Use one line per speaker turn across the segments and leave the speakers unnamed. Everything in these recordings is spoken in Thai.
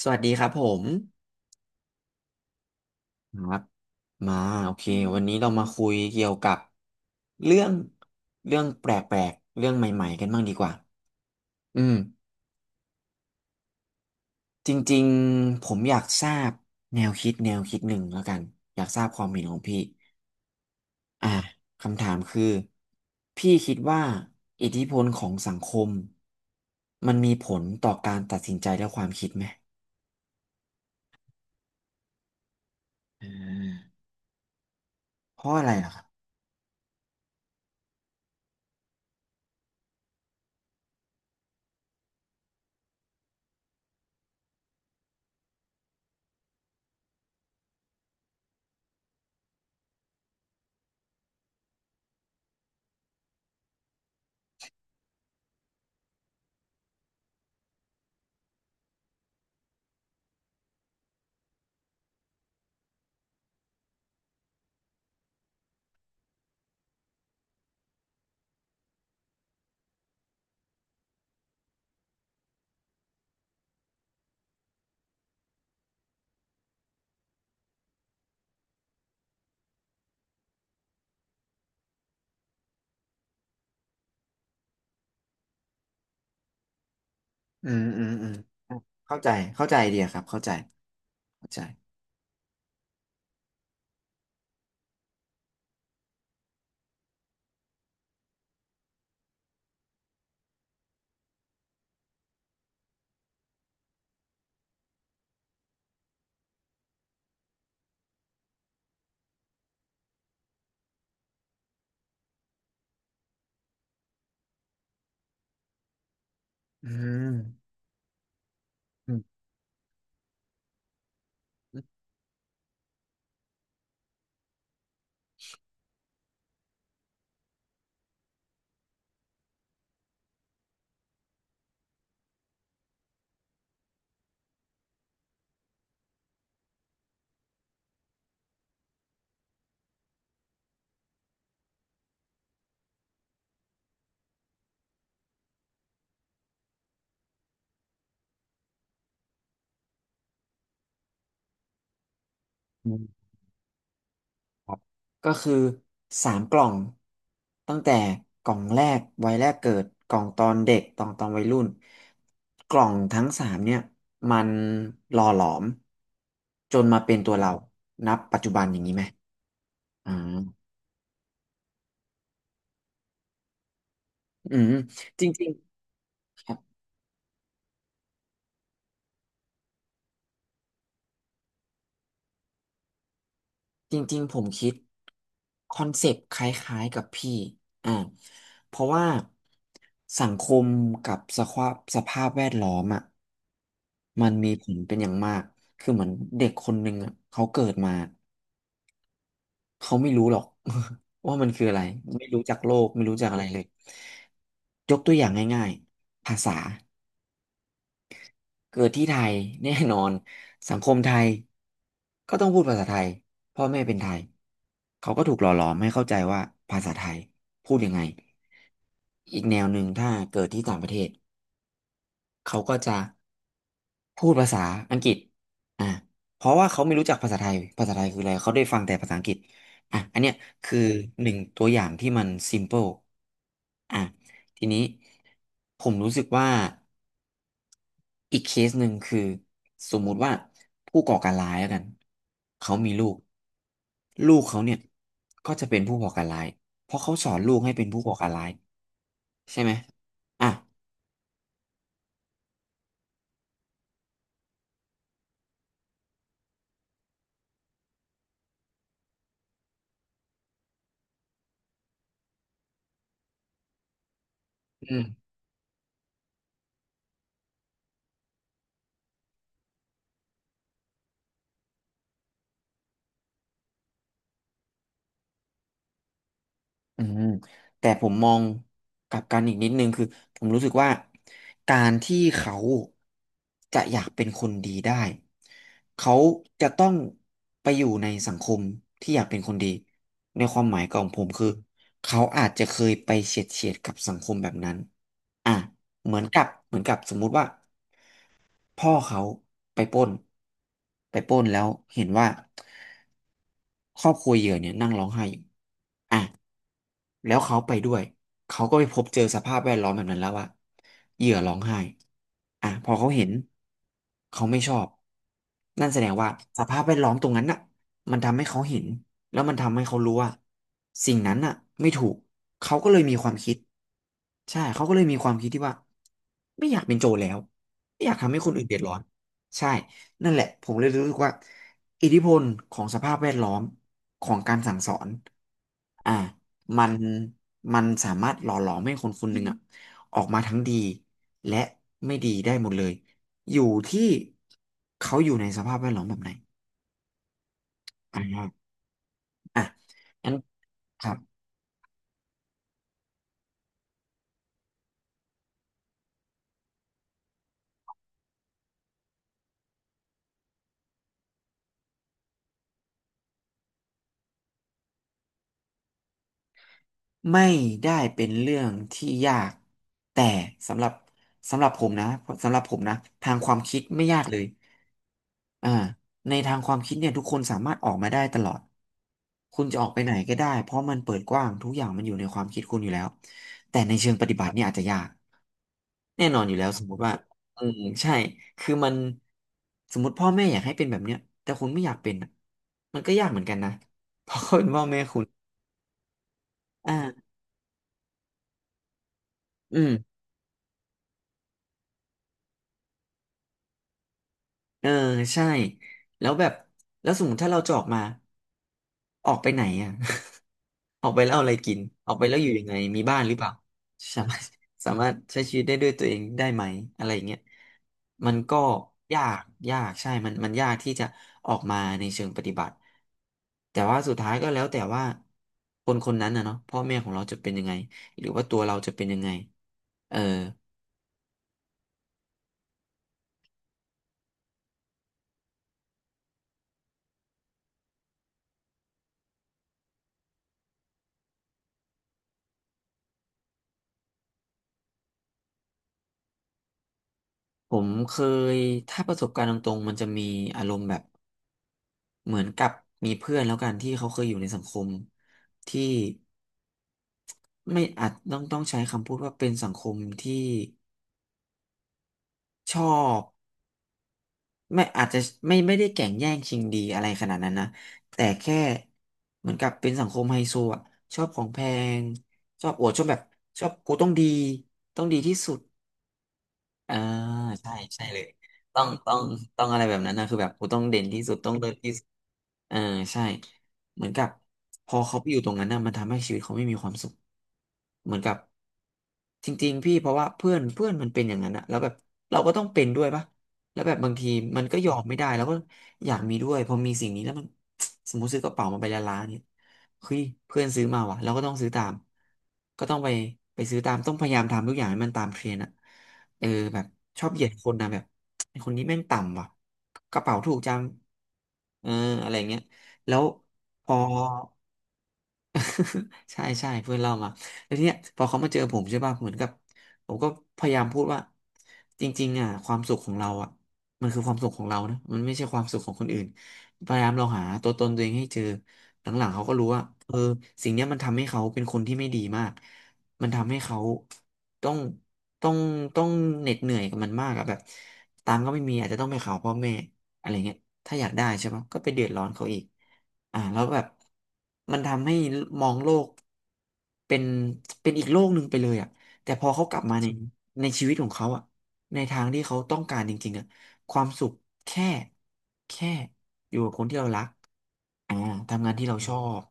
สวัสดีครับผมครับมาโอเควันนี้เรามาคุยเกี่ยวกับเรื่องเรื่องแปลกๆเรื่องใหม่ๆกันบ้างดีกว่าอืมจริงๆผมอยากทราบแนวคิดหนึ่งแล้วกันอยากทราบความเห็นของพี่อ่าคำถามคือพี่คิดว่าอิทธิพลของสังคมมันมีผลต่อการตัดสินใจและความคิดไหมอ่าเพราะอะไรล่ะครับอืมอืมอืมเข้าใจเข้าใจไอเดียครับเข้าใจเข้าใจ อมอืมอืมครับก็คือสามกล่องตั้งแต่กล่องแรกวัยแรกเกิดกล่องตอนเด็กตอนวัยรุ่นกล่องทั้งสามเนี่ยมันหล่อหลอมจนมาเป็นตัวเรานับปัจจุบันอย่างนี้ไหมอ่าอืมจริงๆ จริงๆผมคิดคอนเซปต์คล้ายๆกับพี่อ่าเพราะว่าสังคมกับสภาพแวดล้อมอ่ะมันมีผลเป็นอย่างมากคือเหมือนเด็กคนหนึ่งอ่ะเขาเกิดมาเขาไม่รู้หรอก ว่ามันคืออะไรไม่รู้จักโลกไม่รู้จักอะไรเลยยกตัวอย่างง่ายๆภาษา เกิดที่ไทย แน่นอนสังคมไทยก็ต้องพูดภาษาไทยพ่อแม่เป็นไทยเขาก็ถูกหล่อหลอมให้เข้าใจว่าภาษาไทยพูดยังไงอีกแนวหนึ่งถ้าเกิดที่ต่างประเทศเขาก็จะพูดภาษาอังกฤษอ่ะเพราะว่าเขาไม่รู้จักภาษาไทยคืออะไรเขาได้ฟังแต่ภาษาอังกฤษอ่ะอันเนี้ยคือหนึ่งตัวอย่างที่มัน simple อ่ะทีนี้ผมรู้สึกว่า อีกเคสหนึ่งคือสมมุติว่าผู้ก่อการร้ายแล้วกันเขามีลูกลูกเขาเนี่ยก็จะเป็นผู้ก่อการร้ายเพราะเขาสอนลูกให้เป็นผู้ก่อการร้ายใช่ไหมอ่ะอืม อืมแต่ผมมองกลับกันอีกนิดนึงคือผมรู้สึกว่าการที่เขาจะอยากเป็นคนดีได้เขาจะต้องไปอยู่ในสังคมที่อยากเป็นคนดีในความหมายของผมคือเขาอาจจะเคยไปเฉียดกับสังคมแบบนั้นอ่ะเหมือนกับสมมุติว่าพ่อเขาไปปล้นไปปล้นแล้วเห็นว่าครอบครัวเหยื่อเนี่ยนั่งร้องไห้อยู่ แล้วเขาไปด้วยเขาก็ไปพบเจอสภาพแวดล้อมแบบนั้นแล้วอะเหยื่อร้องไห้อ่ะพอเขาเห็นเขาไม่ชอบนั่นแสดงว่าสภาพแวดล้อมตรงนั้นน่ะมันทำให้เขาเห็นแล้วมันทำให้เขารู้ว่าสิ่งนั้นน่ะไม่ถูกเขาก็เลยมีความคิด ใช่เขาก็เลยมีความคิดที่ว่าไม่อยากเป็นโจรแล้วไม่อยากทำให้คนอื่นเดือดร้อนใช่ นั่นแหละผมเลยรู้สึกว่าอิทธิพลของสภาพแวดล้อมของการสั่งสอนอ่ามันมันสามารถหล่อหลอมให้คนคนหนึ่งอ่ะออกมาทั้งดีและไม่ดีได้หมดเลยอยู่ที่เขาอยู่ในสภาพแวดล้อมแบบไหนอ่าอ่ะงั้นครับ ไม่ได้เป็นเรื่องที่ยากแต่สำหรับสำหรับผมนะสำหรับผมนะทางความคิดไม่ยากเลยอ่าในทางความคิดเนี่ยทุกคนสามารถออกมาได้ตลอดคุณจะออกไปไหนก็ได้เพราะมันเปิดกว้างทุกอย่างมันอยู่ในความคิดคุณอยู่แล้วแต่ในเชิงปฏิบัติเนี่ยอาจจะยากแน่นอนอยู่แล้วสมมติว่าอืมใช่คือมันสมมติพ่อแม่อยากให้เป็นแบบเนี้ยแต่คุณไม่อยากเป็นอะมันก็ยากเหมือนกันนะ เพราะเขาเป็นพ่อแม่คุณอ่าอืม เออใช่แล้วแบบแล้วสมมติถ้าเราจะออกมาออกไปไหนอ่ะ ออกไปแล้วเอาอะไรกินออกไปแล้วอยู่ยังไงมีบ้านหรือเปล่าสามารถ สามารถใช้ชีวิตได้ด้วยตัวเองได้ไหมอะไรอย่างเงี้ยมันก็ยากยากใช่มันยากที่จะออกมาในเชิงปฏิบัติแต่ว่าสุดท้ายก็แล้วแต่ว่าคนคนนั้นนะเนาะพ่อแม่ของเราจะเป็นยังไงหรือว่าตัวเราจะเป็นยังไงเออผมเคยถ้าประสบการณ์ตรงๆมันจะมีอารมณ์แบบ เหมือนกับมีเพื่อนแล้วกันที่เขาเคยอยู่ในสังคมที่ไม่อาจต้องใช้คำพูดว่าเป็นสังคมที่ชอบไม่อาจจะไม่ได้แก่งแย่งชิงดีอะไรขนาดนั้นนะแต่แค่เหมือนกับเป็นสังคมไฮโซอ่ะชอบของแพงชอบอวดชอบแบบชอบกูต้องดีต้องดีที่สุดอ่าใช่ใช่เลยต้องต้องต้องอะไรแบบนั้นนะคือแบบกูต้องเด่นที่สุดต้องเลิศที่สุด เออใช่เหมือนกับพอเขาไปอยู่ตรงนั้นน่ะมันทำให้ชีวิตเขาไม่มีความสุขเหมือนกับจริงๆพี่เพราะว่าเพื่อนเพื่อนมันเป็นอย่างนั้นอะแล้วแบบเราก็ต้องเป็นด้วยปะแล้วแบบบางทีมันก็ยอมไม่ได้แล้วก็อยากมีด้วยพอมีสิ่งนี้แล้วมัน สมมติซื้อกระเป๋ามาใบละล้านเนี่ยเฮ้ยเพื่อนซื้อมาว่ะเราก็ต้องซื้อตามก็ต้องไปซื้อตามต้องพยายามทำทุกอย่างให้มันตามเทรนด์อะเออแบบชอบเหยียดคนนะแบบ ไอ้คนนี้แม่งต่ำว่ะกระเป๋าถูกจังเอออะไรเงี้ยแล้วพอ ใช่ใช่เพื่อนเล่ามาแล้วทีเนี้ยพอเขามาเจอผมใช่ป่ะเหมือนกับผมก็พยายามพูดว่าจริงๆอ่ะความสุขของเราอ่ะมันคือความสุขของเรานะมันไม่ใช่ความสุขของคนอื่นพยายามลองหาตัวตนตัวเองให้เจอหลังๆเขาก็รู้ว่าเออสิ่งเนี้ยมันทำให้เขาเป็นคนที่ไม่ดีมากมันทำให้เขาต้องต้องต้องเหน็ดเหนื่อยกับมันมากอะแบบตังค์ก็ไม่มีอาจจะต้องไปขอพ่อแม่ อะไรเงี้ยถ้าอยากได้ใช่ปะก็ไปเดือดร้อนเขาอีกอ่าแล้วแบบมันทำให้มองโลกเป็นเป็นอีกโลกหนึ่งไปเลยอ่ะแต่พอเขากลับมาในชีวิตของเขาอ่ะในทางที่เขาต้องการจริงๆอ่ะความสุขแค่แค่อยู่กับคนที่เรารักอ่าทำงานที่เราชอบ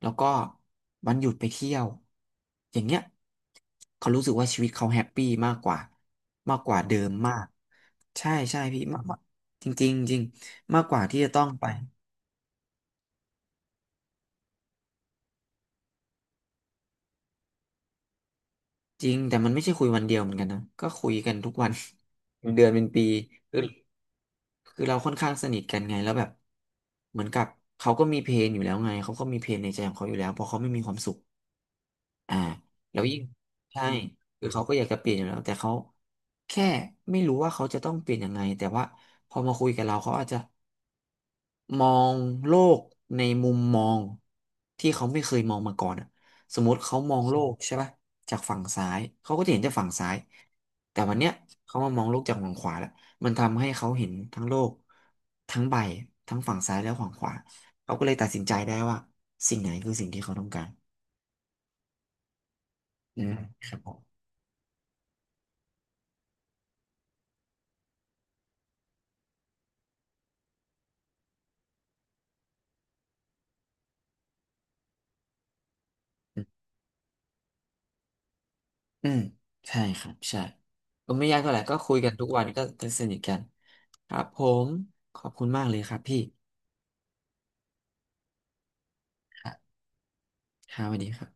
แล้วก็วันหยุดไปเที่ยว อย่างเงี้ยเขารู้สึกว่าชีวิตเขาแฮปปี้มากกว่ามากกว่าเดิมมาก ใช่ใช่พี่มาก จริงจริงจริงมากกว่าที่จะต้องไปจริงแต่มันไม่ใช่คุยวันเดียวเหมือนกันนะก็คุยกันทุกวัน เป็นเดือนเป็นปีคือคือเราค่อนข้างสนิทกันไงแล้วแบบเหมือนกับเขาก็มีเพลนอยู่แล้วไงเขาก็มีเพลนในใจของเขาอยู่แล้วเพราะเขาไม่มีความสุขอ่าแล้วยิ่งใช่คือเขาก็อยากจะเปลี่ยนอยู่แล้วแต่เขาแค่ไม่รู้ว่าเขาจะต้องเปลี่ยนยังไงแต่ว่าพอมาคุยกับเราเขาอาจจะ มองโลกในมุมมองที่เขาไม่เคยมองมาก่อนอะสมมติเขามองโลกใช่ปะจากฝั่งซ้ายเขาก็จะเห็นจากฝั่งซ้ายแต่วันเนี้ยเขามามองโลกจากฝั่งขวาแล้วมันทำให้เขาเห็นทั้งโลกทั้งใบทั้งฝั่งซ้ายและฝั่งขวาเขาก็เลยตัดสินใจได้ว่าสิ่งไหนคือสิ่งที่เขาต้องการอืมครับผมอืมอืมใช่ครับใช่ก็ไม่ยากเท่าไหร่ก็คุยกันทุกวันก็สนิทกันครับผมขอบคุณมากเลยครับพี่ครับครับสวัสดีครับ